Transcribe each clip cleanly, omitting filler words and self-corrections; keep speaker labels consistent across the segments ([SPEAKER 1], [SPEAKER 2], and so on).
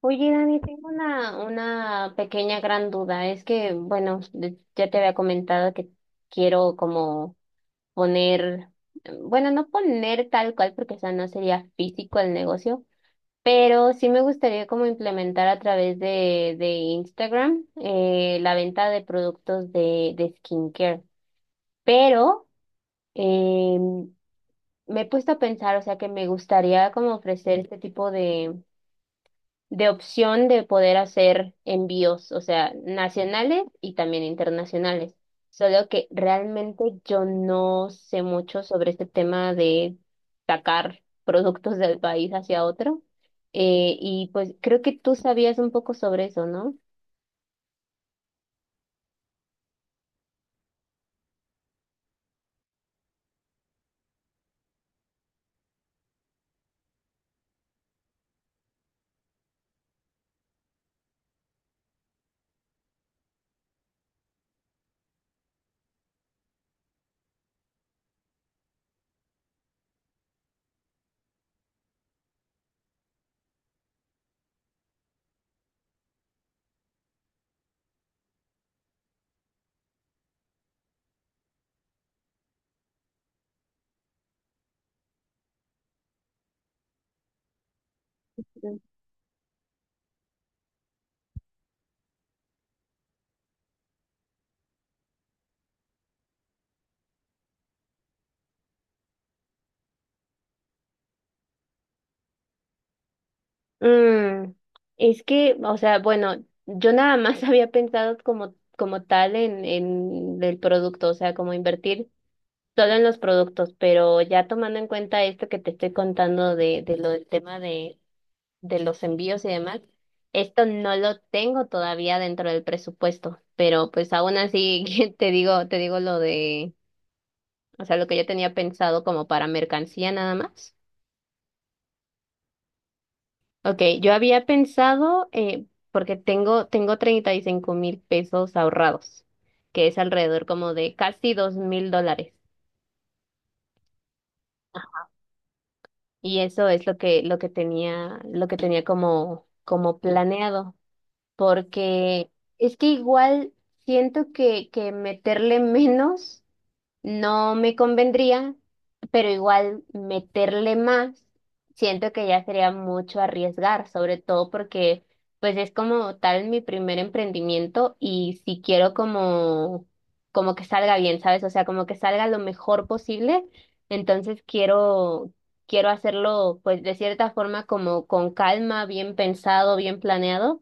[SPEAKER 1] Oye, Dani, tengo una pequeña gran duda. Es que, bueno, ya te había comentado que quiero como poner, bueno, no poner tal cual porque, o sea, no sería físico el negocio, pero sí me gustaría como implementar a través de Instagram la venta de productos de skincare. Pero em, me he puesto a pensar, o sea, que me gustaría como ofrecer este tipo de opción de poder hacer envíos, o sea, nacionales y también internacionales. Solo que realmente yo no sé mucho sobre este tema de sacar productos del país hacia otro. Y pues creo que tú sabías un poco sobre eso, ¿no? Mm, es que, o sea, bueno, yo nada más había pensado como, como tal en el producto, o sea, como invertir. Solo en los productos, pero ya tomando en cuenta esto que te estoy contando de lo del tema de los envíos y demás, esto no lo tengo todavía dentro del presupuesto, pero pues aún así te digo lo de, o sea, lo que yo tenía pensado como para mercancía nada más. Ok, yo había pensado, porque tengo 35,000 pesos ahorrados, que es alrededor como de casi 2,000 dólares. Y eso es lo que, lo que tenía como, como planeado, porque es que igual siento que meterle menos. No me convendría, pero igual meterle más, siento que ya sería mucho arriesgar, sobre todo porque pues es como tal mi primer emprendimiento y si quiero como como que salga bien, ¿sabes? O sea, como que salga lo mejor posible, entonces quiero hacerlo pues de cierta forma como con calma, bien pensado, bien planeado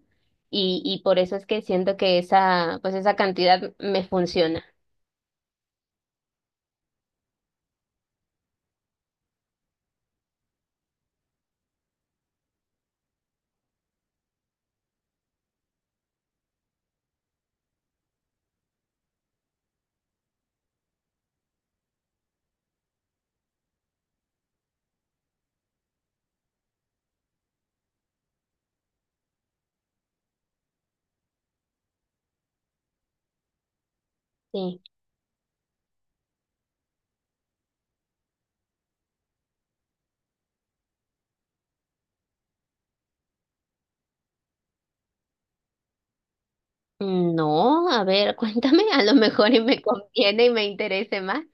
[SPEAKER 1] y por eso es que siento que esa pues esa cantidad me funciona. Sí. No, a ver, cuéntame, a lo mejor y me conviene y me interese más.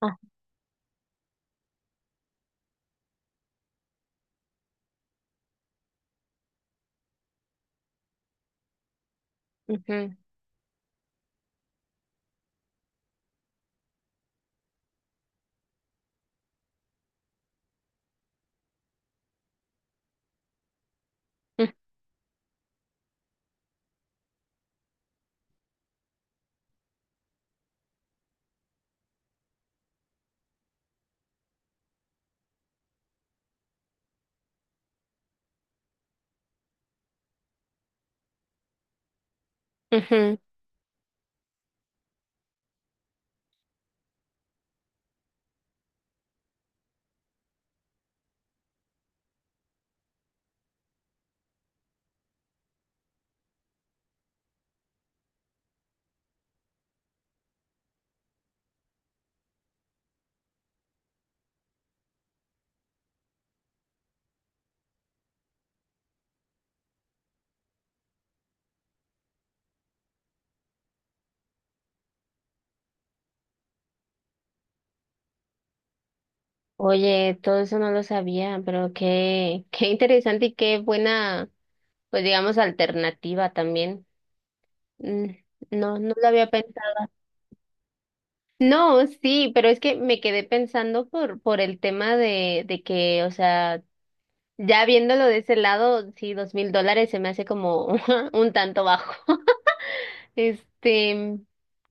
[SPEAKER 1] Ah, ujú, ujú. Ujú. Oye, todo eso no lo sabía, pero qué, qué interesante y qué buena, pues digamos, alternativa también. Mm. No, no lo había pensado. No, sí, pero es que me quedé pensando por el tema de que, o sea, ya viéndolo de ese lado, sí, 2,000 dólares se me hace como un tanto bajo. Este,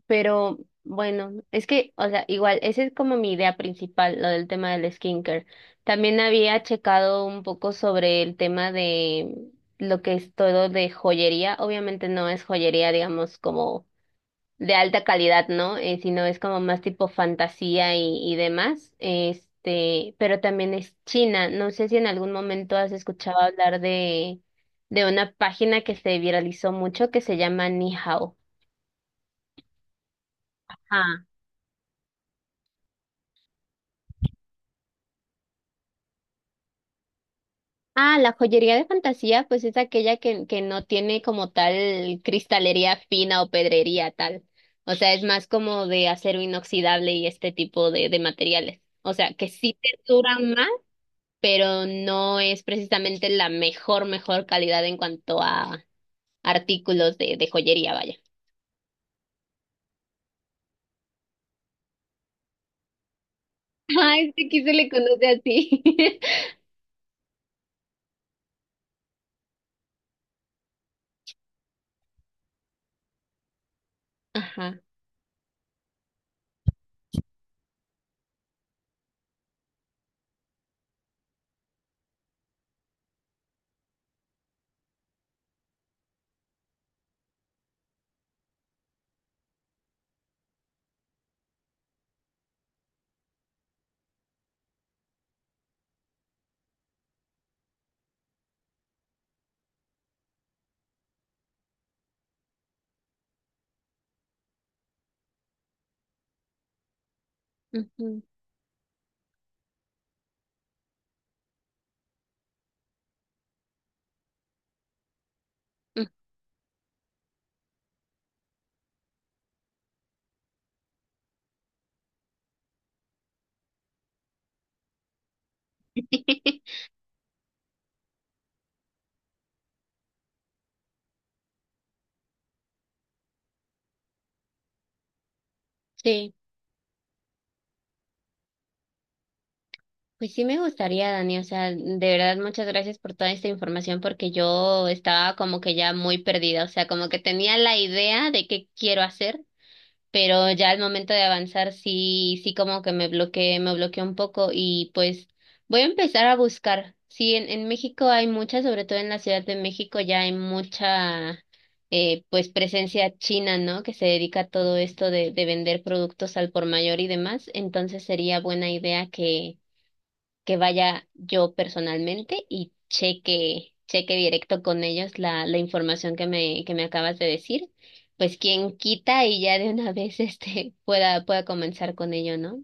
[SPEAKER 1] pero bueno, es que, o sea, igual, esa es como mi idea principal, lo del tema del skincare. También había checado un poco sobre el tema de lo que es todo de joyería. Obviamente no es joyería, digamos, como de alta calidad, ¿no? Sino es como más tipo fantasía y demás. Este, pero también es China. No sé si en algún momento has escuchado hablar de una página que se viralizó mucho que se llama Nihao. Ajá. Ah, la joyería de fantasía, pues es aquella que no tiene como tal cristalería fina o pedrería tal. O sea, es más como de acero inoxidable y este tipo de materiales. O sea, que sí te duran más, pero no es precisamente la mejor, mejor calidad en cuanto a artículos de joyería, vaya. Ah, este aquí se le conoce así. Ajá. Ujú, ujú. Sí. Pues sí me gustaría, Dani, o sea, de verdad muchas gracias por toda esta información porque yo estaba como que ya muy perdida, o sea, como que tenía la idea de qué quiero hacer, pero ya al momento de avanzar sí, sí como que me bloqueé un poco y pues voy a empezar a buscar. Sí, en México hay mucha, sobre todo en la Ciudad de México ya hay mucha pues presencia china, ¿no? Que se dedica a todo esto de vender productos al por mayor y demás, entonces sería buena idea que vaya yo personalmente y cheque, cheque directo con ellos la información que me acabas de decir. Pues quien quita y ya de una vez este pueda, pueda comenzar con ello, ¿no?